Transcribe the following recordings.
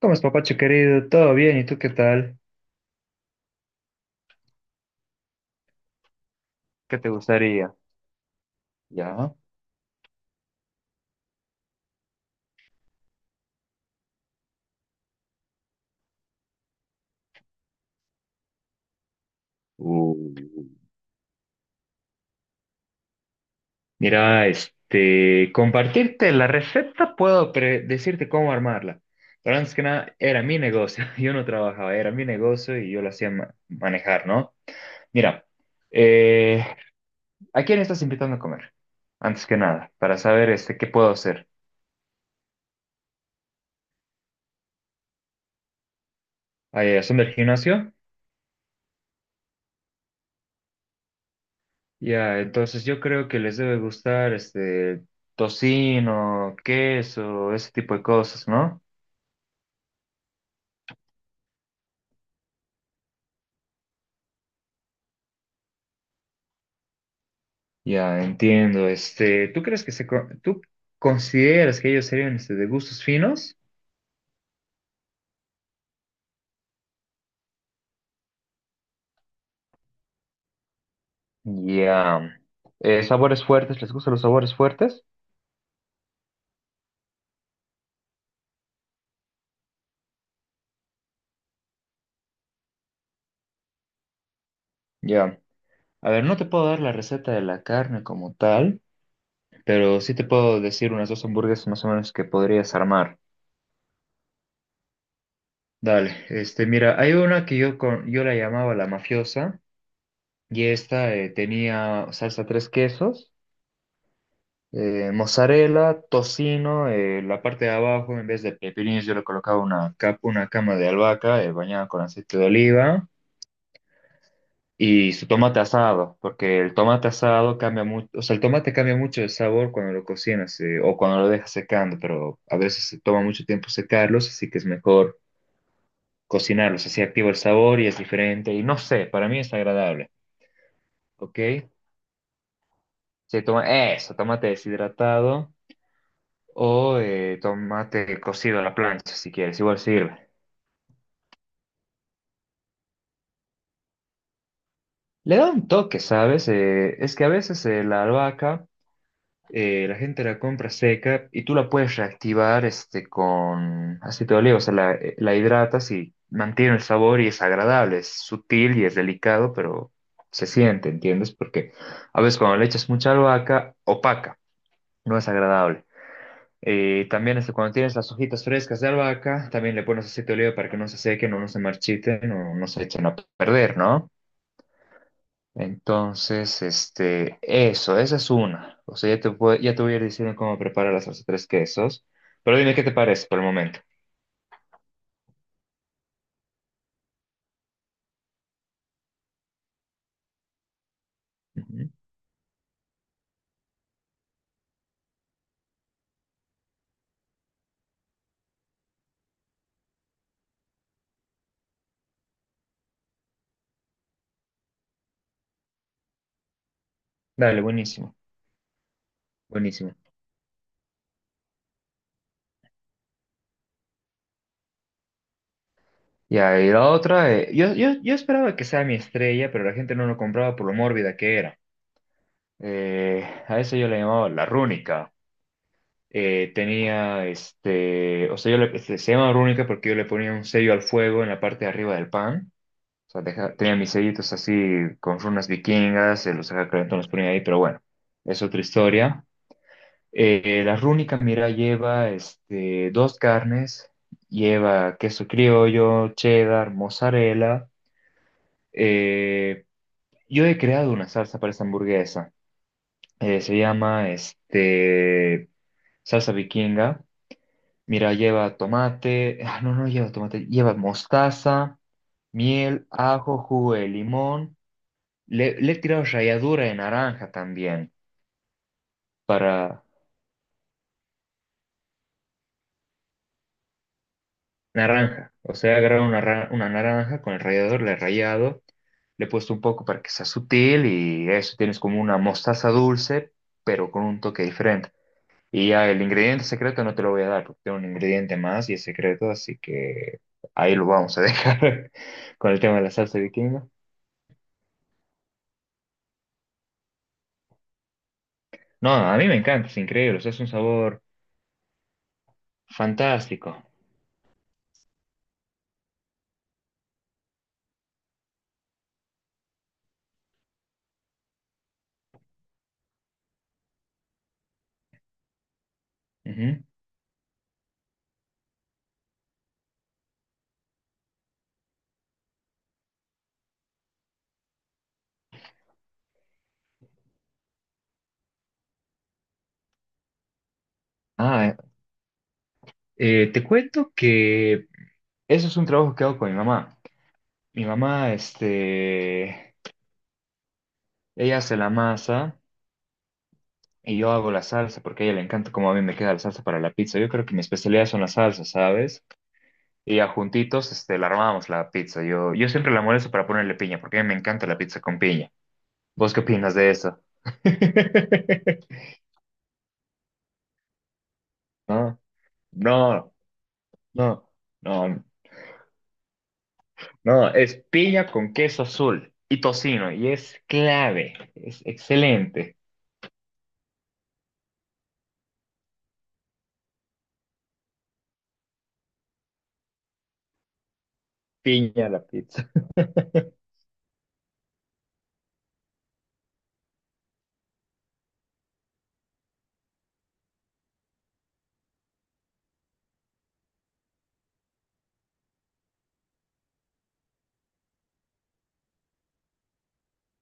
¿Cómo es, papacho querido? ¿Todo bien? ¿Y tú qué tal? ¿Qué te gustaría? Ya. Uh, Mira, compartirte la receta, puedo decirte cómo armarla. Pero antes que nada, era mi negocio. Yo no trabajaba, era mi negocio y yo lo hacía manejar, ¿no? Mira, eh, ¿a quién estás invitando a comer? Antes que nada, para saber qué puedo hacer. ¿Son del gimnasio? Ya, entonces yo creo que les debe gustar este, tocino, queso, ese tipo de cosas, ¿no? Ya, entiendo. ¿Tú crees que tú consideras que ellos serían de gustos finos? Ya. Sabores fuertes, ¿les gustan los sabores fuertes? Ya. A ver, no te puedo dar la receta de la carne como tal, pero sí te puedo decir unas dos hamburguesas más o menos que podrías armar. Dale, mira, hay una que yo la llamaba la mafiosa. Y esta tenía salsa tres quesos, mozzarella, tocino, la parte de abajo, en vez de pepinillos, yo le colocaba capa, una cama de albahaca bañada con aceite de oliva y su tomate asado, porque el tomate asado cambia mucho, o sea, el tomate cambia mucho el sabor cuando lo cocinas o cuando lo dejas secando, pero a veces se toma mucho tiempo secarlos, así que es mejor cocinarlos, así activa el sabor y es diferente y no sé, para mí es agradable, ¿ok? Sí, eso, tomate deshidratado. O tomate cocido a la plancha, si quieres, igual sirve. Le da un toque, ¿sabes? Es que a veces la albahaca, la gente la compra seca y tú la puedes reactivar con aceite de oliva, o sea, la hidratas y mantiene el sabor y es agradable, es sutil y es delicado, pero se siente, ¿entiendes? Porque a veces cuando le echas mucha albahaca, opaca, no es agradable. También cuando tienes las hojitas frescas de albahaca, también le pones aceite de oliva para que no se sequen o no se marchiten o no se echen a perder, ¿no? Entonces, eso, esa es una. O sea, ya te voy a ir diciendo cómo preparar las salsa tres quesos, pero dime qué te parece por el momento. Ujú. Dale, buenísimo. Ya, y la otra, yo esperaba que sea mi estrella, pero la gente no lo compraba por lo mórbida que era. A eso yo le llamaba la rúnica. Tenía este, o sea, yo le, se llama rúnica porque yo le ponía un sello al fuego en la parte de arriba del pan. O sea, tenía mis sellitos así con runas vikingas, los dejaba calentón, los ponía ahí, pero bueno, es otra historia. La rúnica, mira, lleva dos carnes, lleva queso criollo, cheddar, mozzarella. eh, yo he creado una salsa para esa hamburguesa. Se llama salsa vikinga. Mira, lleva tomate, ah, no, no lleva tomate, lleva mostaza, miel, ajo, jugo de limón. Le he tirado ralladura de naranja también, para naranja. O sea, he agarrado una naranja con el rallador, le he rallado, le he puesto un poco para que sea sutil y eso tienes como una mostaza dulce, pero con un toque diferente. Y ya el ingrediente secreto no te lo voy a dar, porque tengo un ingrediente más y es secreto, así que ahí lo vamos a dejar con el tema de la salsa vikinga. No, a mí me encanta, es increíble, o sea, es un sabor fantástico. Ujú. Ah, te cuento que eso es un trabajo que hago con mi mamá. Mi mamá, ella hace la masa y yo hago la salsa porque a ella le encanta cómo a mí me queda la salsa para la pizza. Yo creo que mi especialidad son las salsas, ¿sabes? Y ya juntitos, la armamos la pizza. Yo siempre la molesto para ponerle piña porque a mí me encanta la pizza con piña. ¿Vos qué opinas de eso? No, no, no. No, no, es piña con queso azul y tocino, y es clave, es excelente. Piña a la pizza.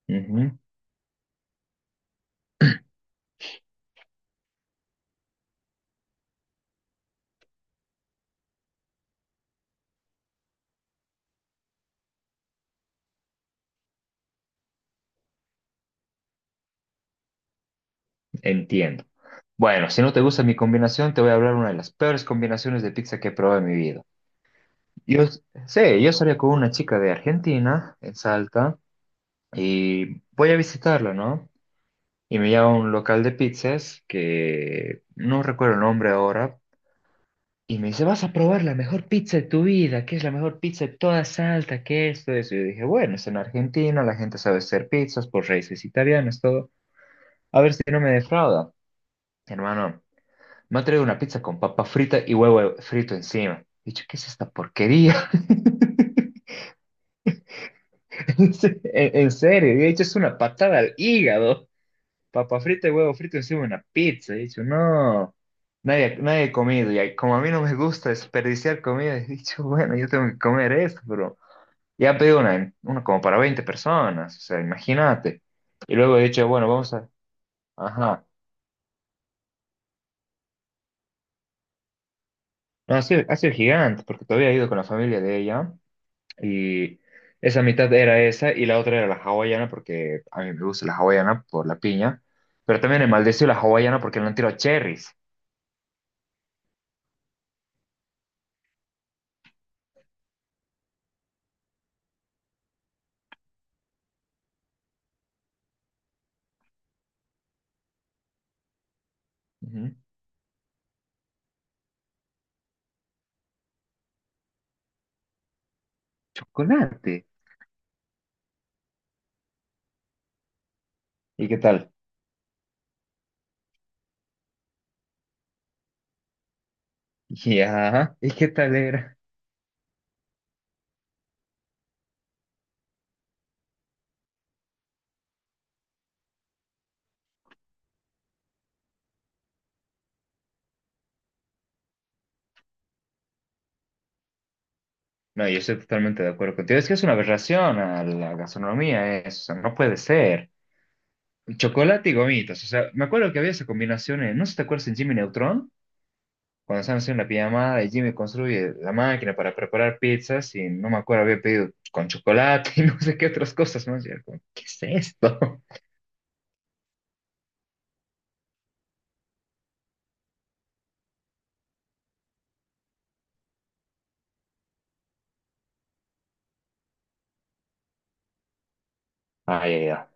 Ujú, entiendo. Bueno, si no te gusta mi combinación, te voy a hablar una de las peores combinaciones de pizza que he probado en mi vida. Sí, yo salía con una chica de Argentina, en Salta, y voy a visitarla, ¿no? Y me lleva a un local de pizzas que no recuerdo el nombre ahora. Y me dice, vas a probar la mejor pizza de tu vida, que es la mejor pizza de toda Salta, que esto, eso. Y yo dije, bueno, es en Argentina, la gente sabe hacer pizzas por raíces italianas, todo. A ver si no me defrauda. Hermano, me ha traído una pizza con papa frita y huevo frito encima. He dicho, ¿qué es esta porquería? En serio, he dicho, es una patada al hígado. Papa frita y huevo frito encima de una pizza. He dicho, no, nadie ha comido. Y ahí, como a mí no me gusta desperdiciar comida, he dicho, bueno, yo tengo que comer esto, bro. Ya pedí una como para 20 personas, o sea, imagínate. Y luego he dicho, bueno, vamos a... Ajá. No, ha sido gigante, porque todavía he ido con la familia de ella y esa mitad era esa y la otra era la hawaiana, porque a mí me gusta la hawaiana por la piña, pero también he maldecido la hawaiana porque le han tirado cherries. Ujú. Chocolate. ¿Y qué tal? Ya, ¿y qué tal era? No, yo estoy totalmente de acuerdo contigo. Es que es una aberración a la gastronomía, eso, no puede ser. Chocolate y gomitas. O sea, me acuerdo que había esa combinación en, no sé si te acuerdas, en Jimmy Neutron, cuando estaban haciendo la pijamada y Jimmy construye la máquina para preparar pizzas y no me acuerdo, había pedido con chocolate y no sé qué otras cosas, ¿no? Y era como, ¿qué es esto? Ay, ay, ay.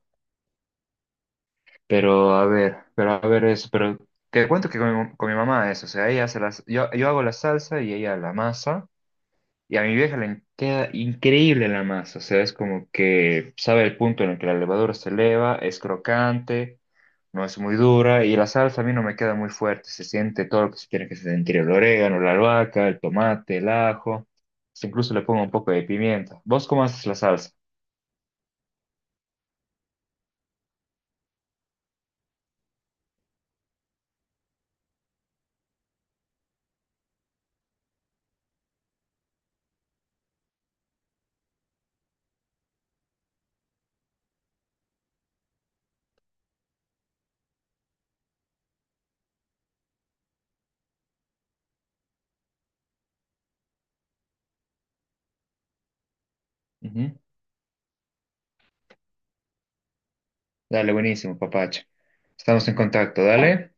Pero a ver eso, pero te cuento que con mi mamá es, o sea, ella hace las, yo hago la salsa y ella la masa y a mi vieja le queda increíble la masa, o sea, es como que sabe el punto en el que la levadura se eleva, es crocante. No es muy dura y la salsa a mí no me queda muy fuerte, se siente todo lo que se tiene que sentir, el orégano, la albahaca, el tomate, el ajo, incluso le pongo un poco de pimienta. ¿Vos cómo haces la salsa? Ujú. Dale, buenísimo, papacho. Estamos en contacto, dale.